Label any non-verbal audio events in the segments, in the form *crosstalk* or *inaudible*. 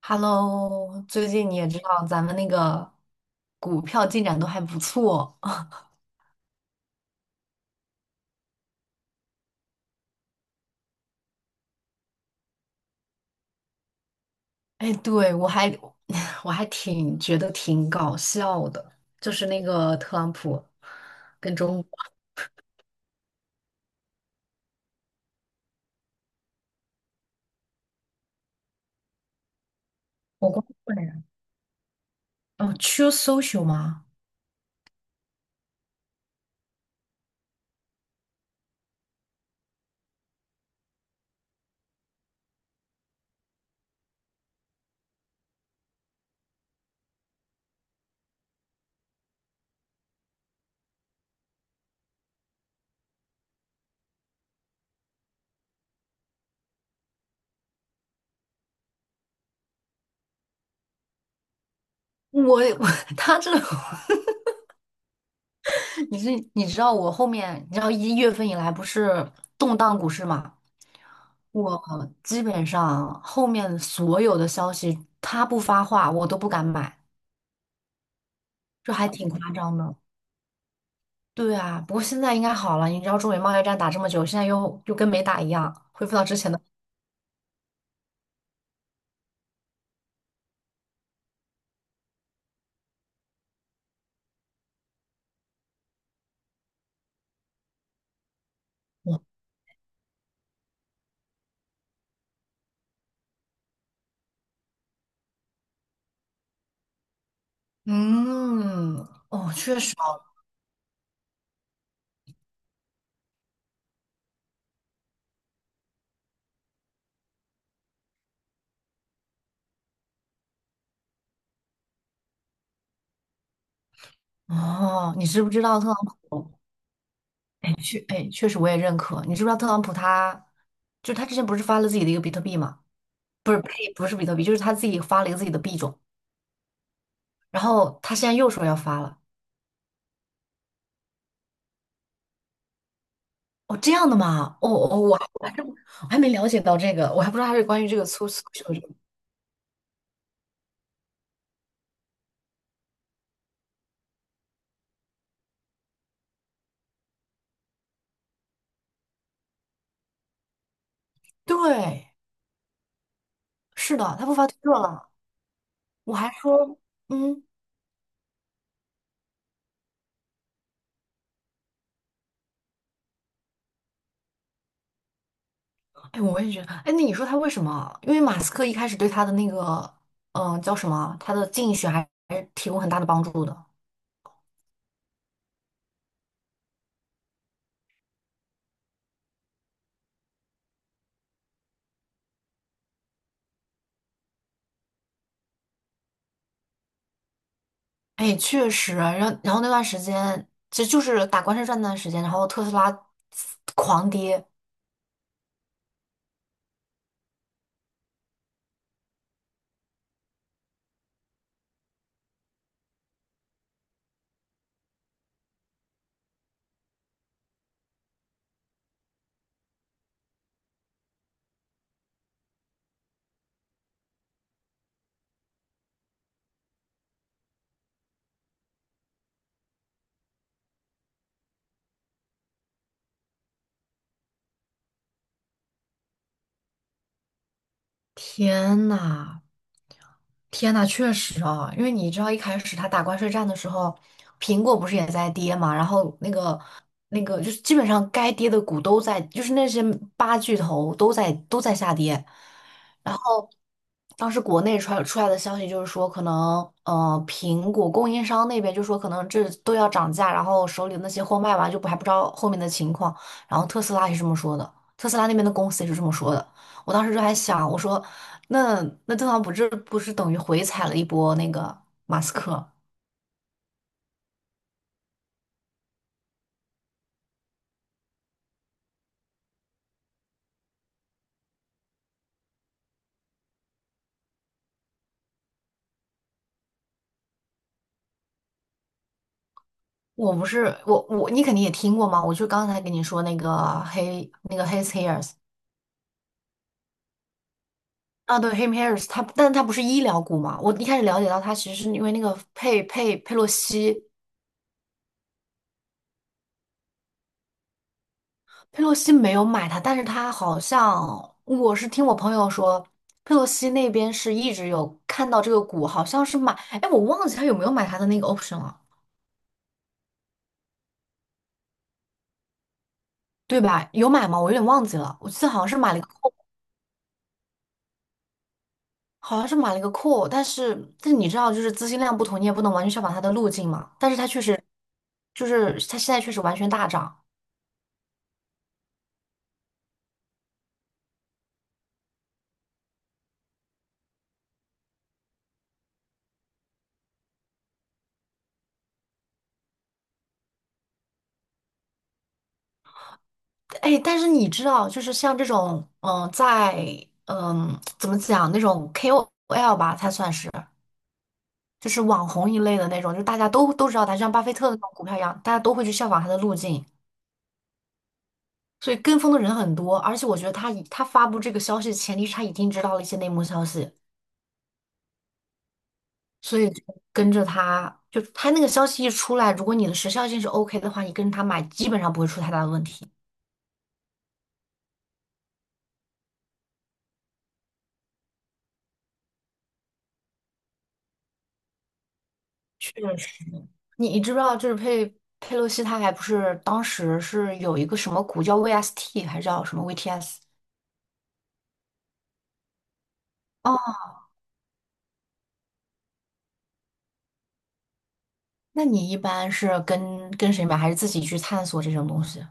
Hello，最近你也知道咱们那个股票进展都还不错。哎，对，我还 *laughs* 我还挺觉得挺搞笑的，就是那个特朗普跟中国，我光棍人，哦，True Social 吗？我也我 *laughs* 他这，*laughs* 你知道我后面，你知道1月份以来不是动荡股市嘛？我基本上后面所有的消息他不发话，我都不敢买。这还挺夸张的。对啊，不过现在应该好了。你知道中美贸易战打这么久，现在又跟没打一样，恢复到之前的。嗯，哦，确实哦，哦你知不知道特朗普？哎，哎，确实我也认可。你知不知道特朗普他，就他之前不是发了自己的一个比特币吗？不是，呸，不是比特币，就是他自己发了一个自己的币种，然后他现在又说要发了。哦，这样的吗？哦哦，我还没了解到这个，我还不知道他是关于这个粗俗这个。对，是的，他不发推特了，我还说，嗯。哎，我也觉得，哎，那你说他为什么？因为马斯克一开始对他的那个，叫什么？他的竞选还是提供很大的帮助的。哎，确实，然后那段时间，其实就是打关税战那段时间，然后特斯拉狂跌。天呐，天呐，确实啊，因为你知道一开始他打关税战的时候，苹果不是也在跌嘛，然后那个就是基本上该跌的股都在，就是那些八巨头都在下跌。然后。当时国内传出来的消息就是说，可能苹果供应商那边就说可能这都要涨价，然后手里的那些货卖完就不还不知道后面的情况。然后特斯拉也是这么说的，特斯拉那边的公司也是这么说的。我当时就还想，我说那特朗普这不是等于回踩了一波那个马斯克？我不是我你肯定也听过嘛，我就刚才跟你说那个黑那个 His Hears。啊，对 Himharrs 他，但他不是医疗股嘛？我一开始了解到他其实是因为那个佩洛西，佩洛西没有买它，但是他好像我是听我朋友说，佩洛西那边是一直有看到这个股，好像是买，哎，我忘记他有没有买他的那个 option 了，对吧？有买吗？我有点忘记了，我记得好像是买了一个 call，好像是买了一个 call，但是你知道，就是资金量不同，你也不能完全效仿它的路径嘛。但是它确实，就是它现在确实完全大涨。哎，但是你知道，就是像这种，在怎么讲那种 KOL 吧，它算是就是网红一类的那种，就是大家都知道他，就像巴菲特的那种股票一样，大家都会去效仿他的路径，所以跟风的人很多。而且我觉得他以他发布这个消息的前提是他已经知道了一些内幕消息，所以就跟着他，就他那个消息一出来，如果你的时效性是 OK 的话，你跟着他买基本上不会出太大的问题。确你知不知道，就是佩洛西，他还不是当时是有一个什么股叫 VST，还是叫什么 VTS？哦，那你一般是跟谁买，还是自己去探索这种东西？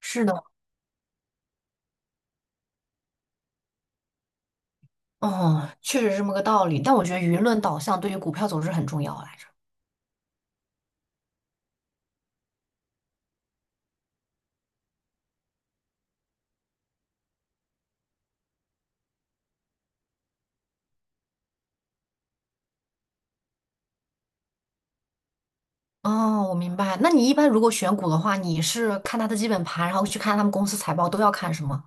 是的，哦，确实是这么个道理。但我觉得舆论导向对于股票走势很重要来着。哦，我明白。那你一般如果选股的话，你是看它的基本盘，然后去看他们公司财报，都要看什么？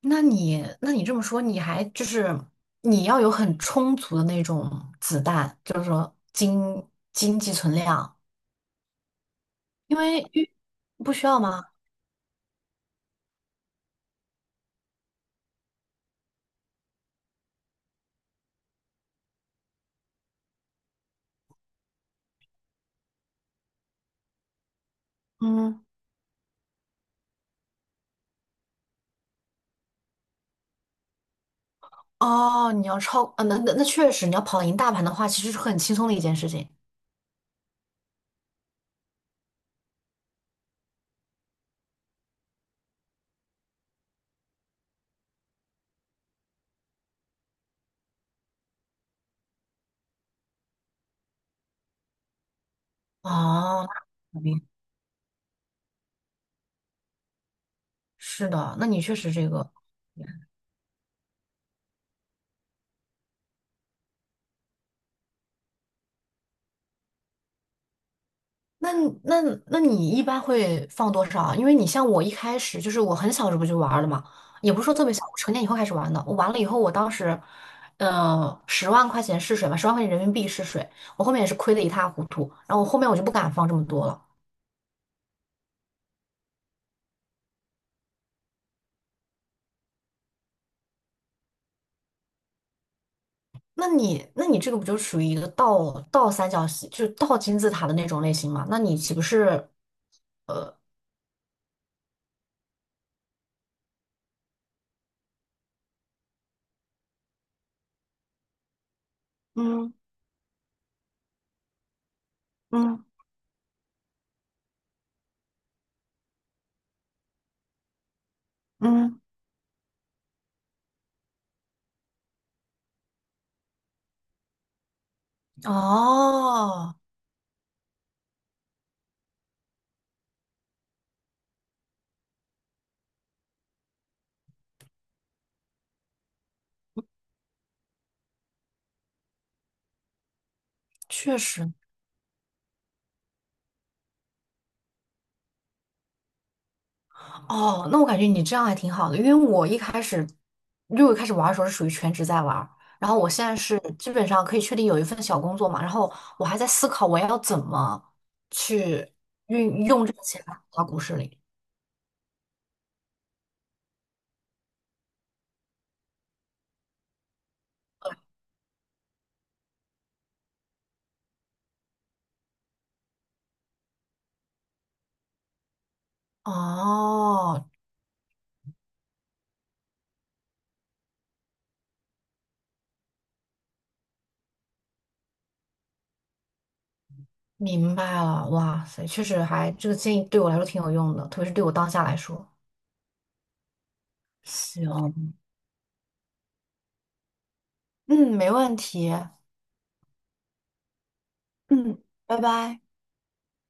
那你这么说，你还就是你要有很充足的那种子弹，就是说经济存量，因为不需要吗？嗯，哦，你要超，啊，那确实，你要跑赢大盘的话，其实是很轻松的一件事情。哦，那肯定是的，那你确实这个。那那那你一般会放多少啊？因为你像我一开始就是我很小时候就玩了嘛，也不是说特别小，我成年以后开始玩的。我玩了以后，我当时，十万块钱试水嘛，十万块钱人民币试水，我后面也是亏的一塌糊涂。然后我后面我就不敢放这么多了。那你这个不就属于一个倒三角形，就是倒金字塔的那种类型嘛？那你岂不是，嗯嗯嗯，哦，确实。哦，那我感觉你这样还挺好的，因为我一开始，因为我一开始玩儿的时候是属于全职在玩儿然后我现在是基本上可以确定有一份小工作嘛，然后我还在思考我要怎么去运用这个钱到股市里。哦，明白了，哇塞，确实还这个建议对我来说挺有用的，特别是对我当下来说。行，嗯，没问题，嗯，拜拜。